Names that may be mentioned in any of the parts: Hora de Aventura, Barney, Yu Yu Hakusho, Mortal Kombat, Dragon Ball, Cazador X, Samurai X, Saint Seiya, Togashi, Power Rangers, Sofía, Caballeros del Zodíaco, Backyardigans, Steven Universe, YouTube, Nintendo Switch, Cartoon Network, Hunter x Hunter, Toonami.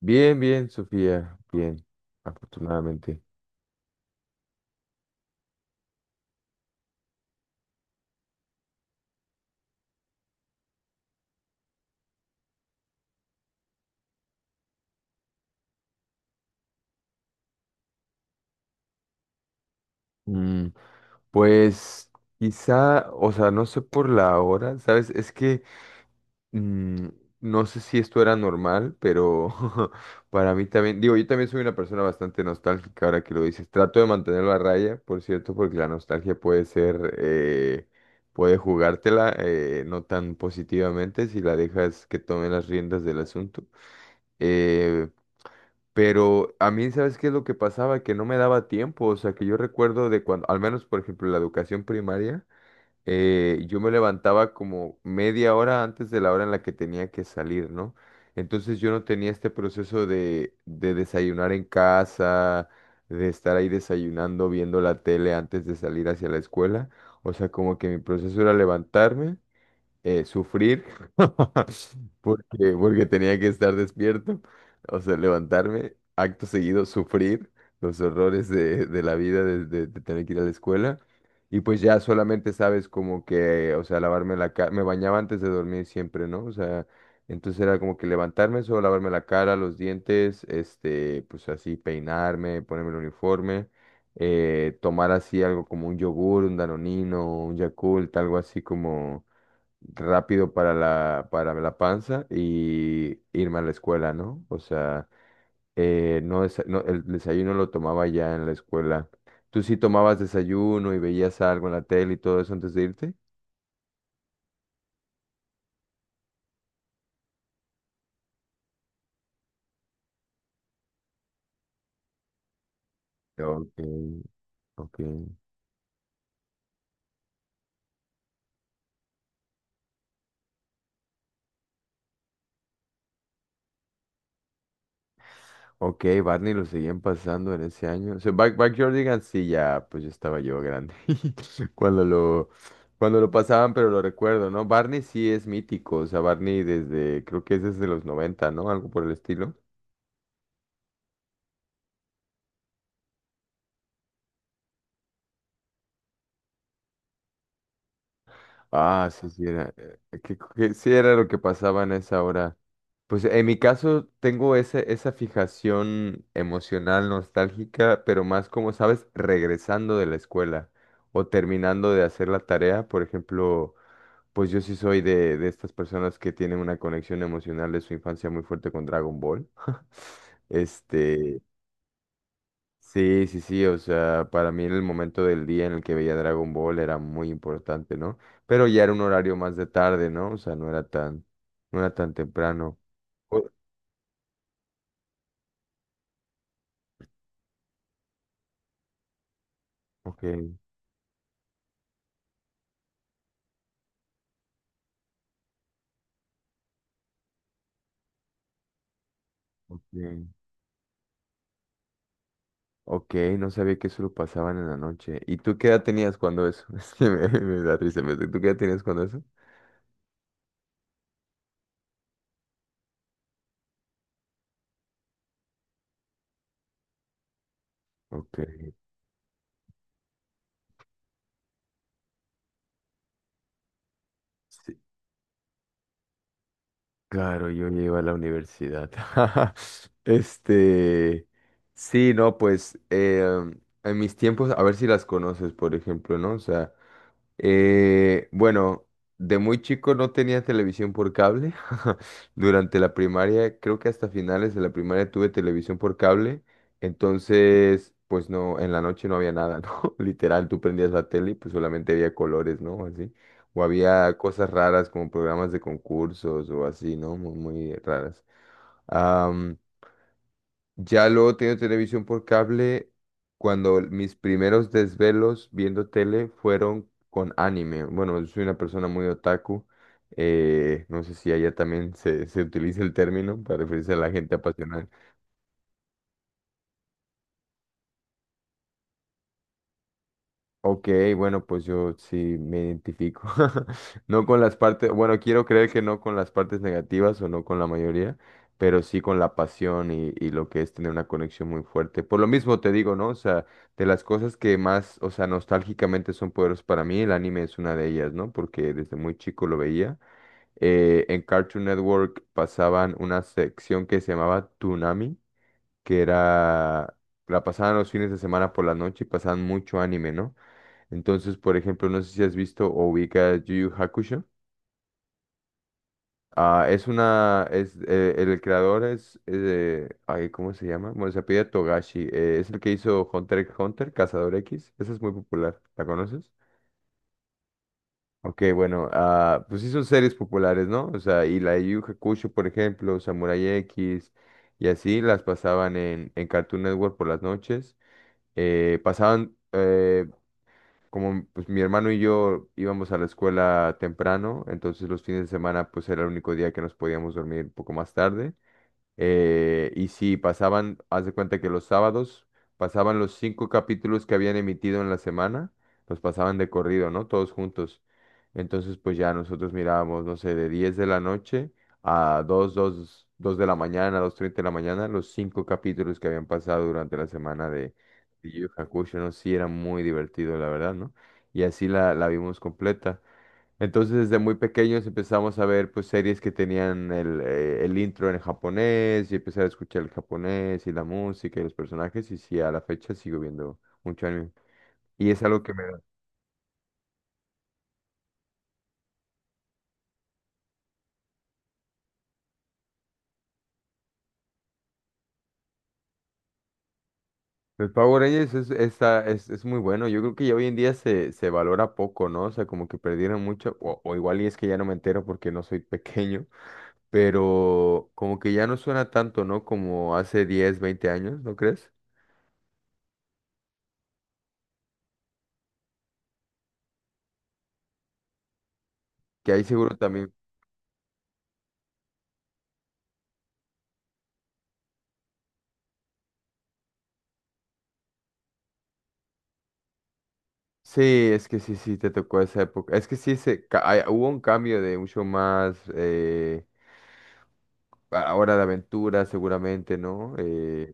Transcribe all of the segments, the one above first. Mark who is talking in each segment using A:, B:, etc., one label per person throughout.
A: Bien, bien, Sofía, bien, afortunadamente. Mm, pues quizá, o sea, no sé por la hora, ¿sabes? Es que mm, no sé si esto era normal, pero para mí también, digo, yo también soy una persona bastante nostálgica ahora que lo dices. Trato de mantenerlo a raya, por cierto, porque la nostalgia puede ser, puede jugártela no tan positivamente si la dejas que tome las riendas del asunto. Eh, Pero a mí, ¿sabes qué es lo que pasaba? Que no me daba tiempo, o sea, que yo recuerdo de cuando, al menos por ejemplo, en la educación primaria, yo me levantaba como media hora antes de la hora en la que tenía que salir, ¿no? Entonces yo no tenía este proceso de desayunar en casa, de estar ahí desayunando, viendo la tele antes de salir hacia la escuela, o sea, como que mi proceso era levantarme sufrir porque tenía que estar despierto, o sea, levantarme, acto seguido, sufrir los horrores de la vida, de tener que ir a la escuela. Y pues ya solamente sabes como que, o sea, lavarme la cara, me bañaba antes de dormir siempre, ¿no? O sea, entonces era como que levantarme, solo lavarme la cara, los dientes, este, pues así, peinarme, ponerme el uniforme tomar así algo como un yogur, un danonino, un Yakult, algo así como, rápido para la panza y irme a la escuela, ¿no? O sea, no, no, el desayuno lo tomaba ya en la escuela. ¿Tú sí tomabas desayuno y veías algo en la tele y todo eso antes de irte? Ok, ok. Ok, Barney lo seguían pasando en ese año. O sea, Backyardigans sí, ya, pues ya estaba yo grande. Cuando lo, cuando lo pasaban, pero lo recuerdo, ¿no? Barney sí es mítico. O sea, Barney desde, creo que es desde los 90, ¿no? Algo por el estilo. Ah, sí, sí, era, que sí era lo que pasaba en esa hora. Pues en mi caso tengo esa fijación emocional nostálgica, pero más como, ¿sabes? Regresando de la escuela o terminando de hacer la tarea. Por ejemplo, pues yo sí soy de estas personas que tienen una conexión emocional de su infancia muy fuerte con Dragon Ball. Este, sí, sí, sí, o sea, para mí en el momento del día en el que veía Dragon Ball era muy importante, ¿no? Pero ya era un horario más de tarde, ¿no? O sea, no era tan temprano. O- Ok, ok, ok, no sabía que eso lo pasaban en la noche. ¿Y tú qué edad tenías cuando eso? Es que me da risa, pero ¿tú qué edad tenías cuando eso? Ok. Sí. Claro, yo llego a la universidad. Este, sí, no, pues en mis tiempos, a ver si las conoces, por ejemplo, ¿no? O sea, bueno, de muy chico no tenía televisión por cable. Durante la primaria, creo que hasta finales de la primaria tuve televisión por cable. Entonces, pues no, en la noche no había nada, ¿no? Literal, tú prendías la tele y pues solamente había colores, ¿no? Así. O había cosas raras como programas de concursos o así, ¿no? Muy, muy raras. Am, ya luego tenido televisión por cable, cuando mis primeros desvelos viendo tele fueron con anime. Bueno, yo soy una persona muy otaku. No sé si allá también se utiliza el término para referirse a la gente apasionada. Ok, bueno, pues yo sí me identifico. No con las partes, bueno, quiero creer que no con las partes negativas o no con la mayoría, pero sí con la pasión y lo que es tener una conexión muy fuerte. Por lo mismo te digo, ¿no? O sea, de las cosas que más, o sea, nostálgicamente son poderosas para mí, el anime es una de ellas, ¿no? Porque desde muy chico lo veía. En Cartoon Network pasaban una sección que se llamaba Toonami, que era, la pasaban los fines de semana por la noche y pasaban mucho anime, ¿no? Entonces, por ejemplo, no sé si has visto o ubicas Yu Yu Hakusho. Ah, es una, es, el creador es, ay, ¿cómo se llama? Bueno, se apellida Togashi. Es el que hizo Hunter x Hunter, Cazador X. Esa es muy popular. ¿La conoces? Ok, bueno, ah, pues sí son series populares, ¿no? O sea, y la de Yu Yu Hakusho, por ejemplo, Samurai X, y así las pasaban en Cartoon Network por las noches. Pasaban, como pues mi hermano y yo íbamos a la escuela temprano, entonces los fines de semana pues era el único día que nos podíamos dormir un poco más tarde. Y sí, pasaban, haz de cuenta que los sábados pasaban los cinco capítulos que habían emitido en la semana, los pasaban de corrido, ¿no? Todos juntos. Entonces, pues ya nosotros mirábamos, no sé, de 10 de la noche a 2 de la mañana, 2:30 de la mañana, los cinco capítulos que habían pasado durante la semana de Yu Yu Hakusho, ¿no? Sí, era muy divertido, la verdad, ¿no? Y así la vimos completa. Entonces, desde muy pequeños empezamos a ver pues series que tenían el intro en japonés y empezar a escuchar el japonés y la música y los personajes y sí, a la fecha sigo viendo mucho anime. Y es algo que me da. Los Power Rangers es muy bueno. Yo creo que ya hoy en día se valora poco, ¿no? O sea, como que perdieron mucho. O igual y es que ya no me entero porque no soy pequeño. Pero como que ya no suena tanto, ¿no? Como hace 10, 20 años, ¿no crees? Que ahí seguro también sí, es que sí, sí, te tocó esa época. Es que sí, hubo un cambio de mucho más, ahora de aventura seguramente, ¿no?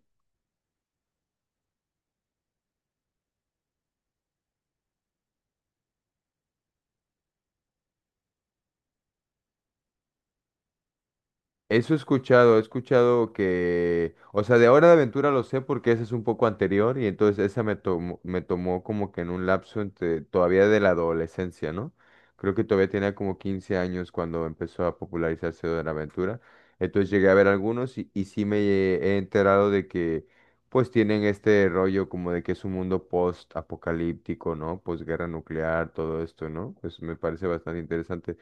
A: Eso he escuchado que, o sea, de Hora de Aventura lo sé porque esa es un poco anterior y entonces esa me tomó como que en un lapso entre, todavía de la adolescencia, ¿no? Creo que todavía tenía como 15 años cuando empezó a popularizarse Hora de Aventura. Entonces llegué a ver algunos y sí me he enterado de que pues tienen este rollo como de que es un mundo post-apocalíptico, ¿no? Posguerra nuclear, todo esto, ¿no? Pues me parece bastante interesante.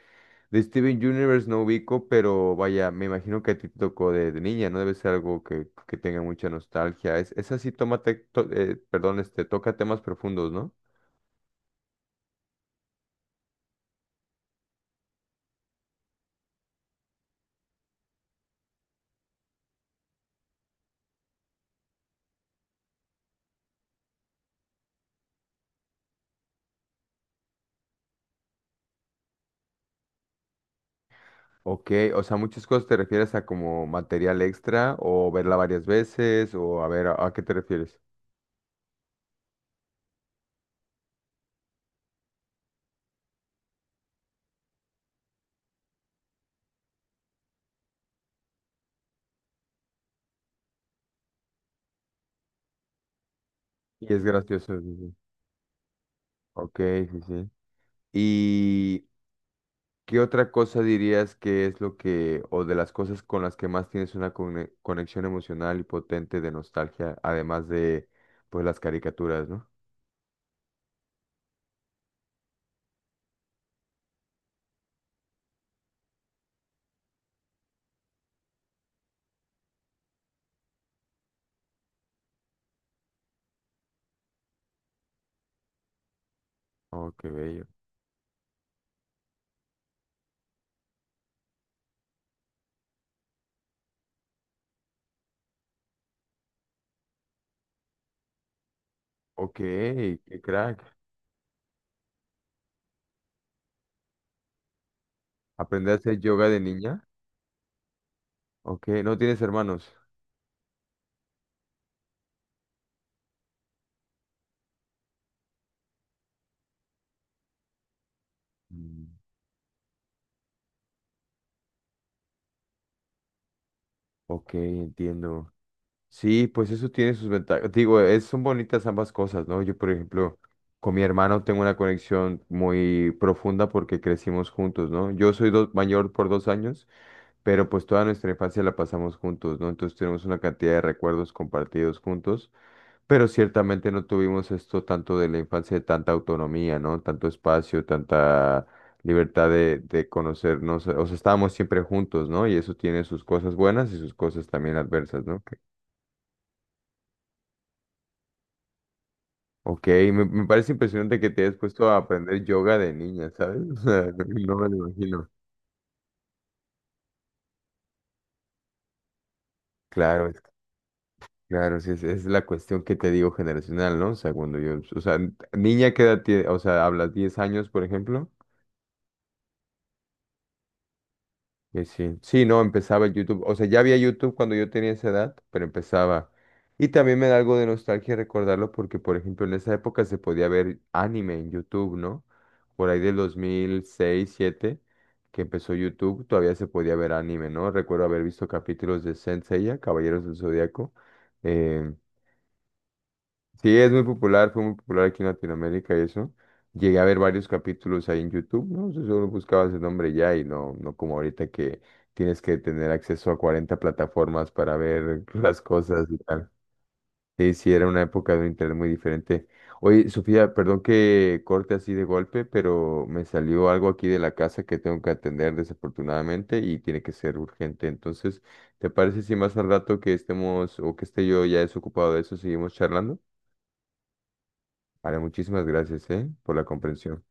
A: De Steven Universe no ubico, pero vaya, me imagino que a ti te tocó de niña, ¿no? Debe ser algo que tenga mucha nostalgia. Es así, perdón, este, toca temas profundos, ¿no? Ok, o sea, muchas cosas te refieres a como material extra o verla varias veces o a ver, a qué te refieres? Y es gracioso, sí, sí. Ok, sí, sí. Y, ¿qué otra cosa dirías que es lo que, o de las cosas con las que más tienes una conexión emocional y potente de nostalgia, además de, pues, las caricaturas, ¿no? Oh, qué bello. Ok, qué crack. ¿Aprender a hacer yoga de niña? Ok, ¿no tienes hermanos? Mm, ok, entiendo. Sí, pues eso tiene sus ventajas. Digo, son bonitas ambas cosas, ¿no? Yo, por ejemplo, con mi hermano tengo una conexión muy profunda porque crecimos juntos, ¿no? Yo soy mayor por 2 años. Pero pues toda nuestra infancia la pasamos juntos, ¿no? Entonces tenemos una cantidad de recuerdos compartidos juntos, pero ciertamente no tuvimos esto tanto de la infancia, de tanta autonomía, ¿no? Tanto espacio, tanta libertad de conocernos, o sea, estábamos siempre juntos, ¿no? Y eso tiene sus cosas buenas y sus cosas también adversas, ¿no? Ok, me parece impresionante que te hayas puesto a aprender yoga de niña, ¿sabes? O sea, no me lo imagino. Claro, claro, sí, es la cuestión que te digo generacional, ¿no? O sea, cuando yo, o sea, niña que edad o sea, hablas 10 años, por ejemplo, que sí, sí, no, empezaba el YouTube, o sea, ya había YouTube cuando yo tenía esa edad, pero empezaba. Y también me da algo de nostalgia recordarlo porque, por ejemplo, en esa época se podía ver anime en YouTube, ¿no? Por ahí del 2006, 2007 que empezó YouTube, todavía se podía ver anime, ¿no? Recuerdo haber visto capítulos de Saint Seiya, Caballeros del Zodíaco. Sí, es muy popular, fue muy popular aquí en Latinoamérica y eso. Llegué a ver varios capítulos ahí en YouTube, ¿no? Tú solo buscabas el nombre y ya y no, no como ahorita que tienes que tener acceso a 40 plataformas para ver las cosas y tal. Sí, sí, era una época de un internet muy diferente. Oye, Sofía, perdón que corte así de golpe, pero me salió algo aquí de la casa que tengo que atender desafortunadamente y tiene que ser urgente. Entonces, ¿te parece si más al rato que estemos o que esté yo ya desocupado de eso, seguimos charlando? Vale, muchísimas gracias, ¿eh? Por la comprensión.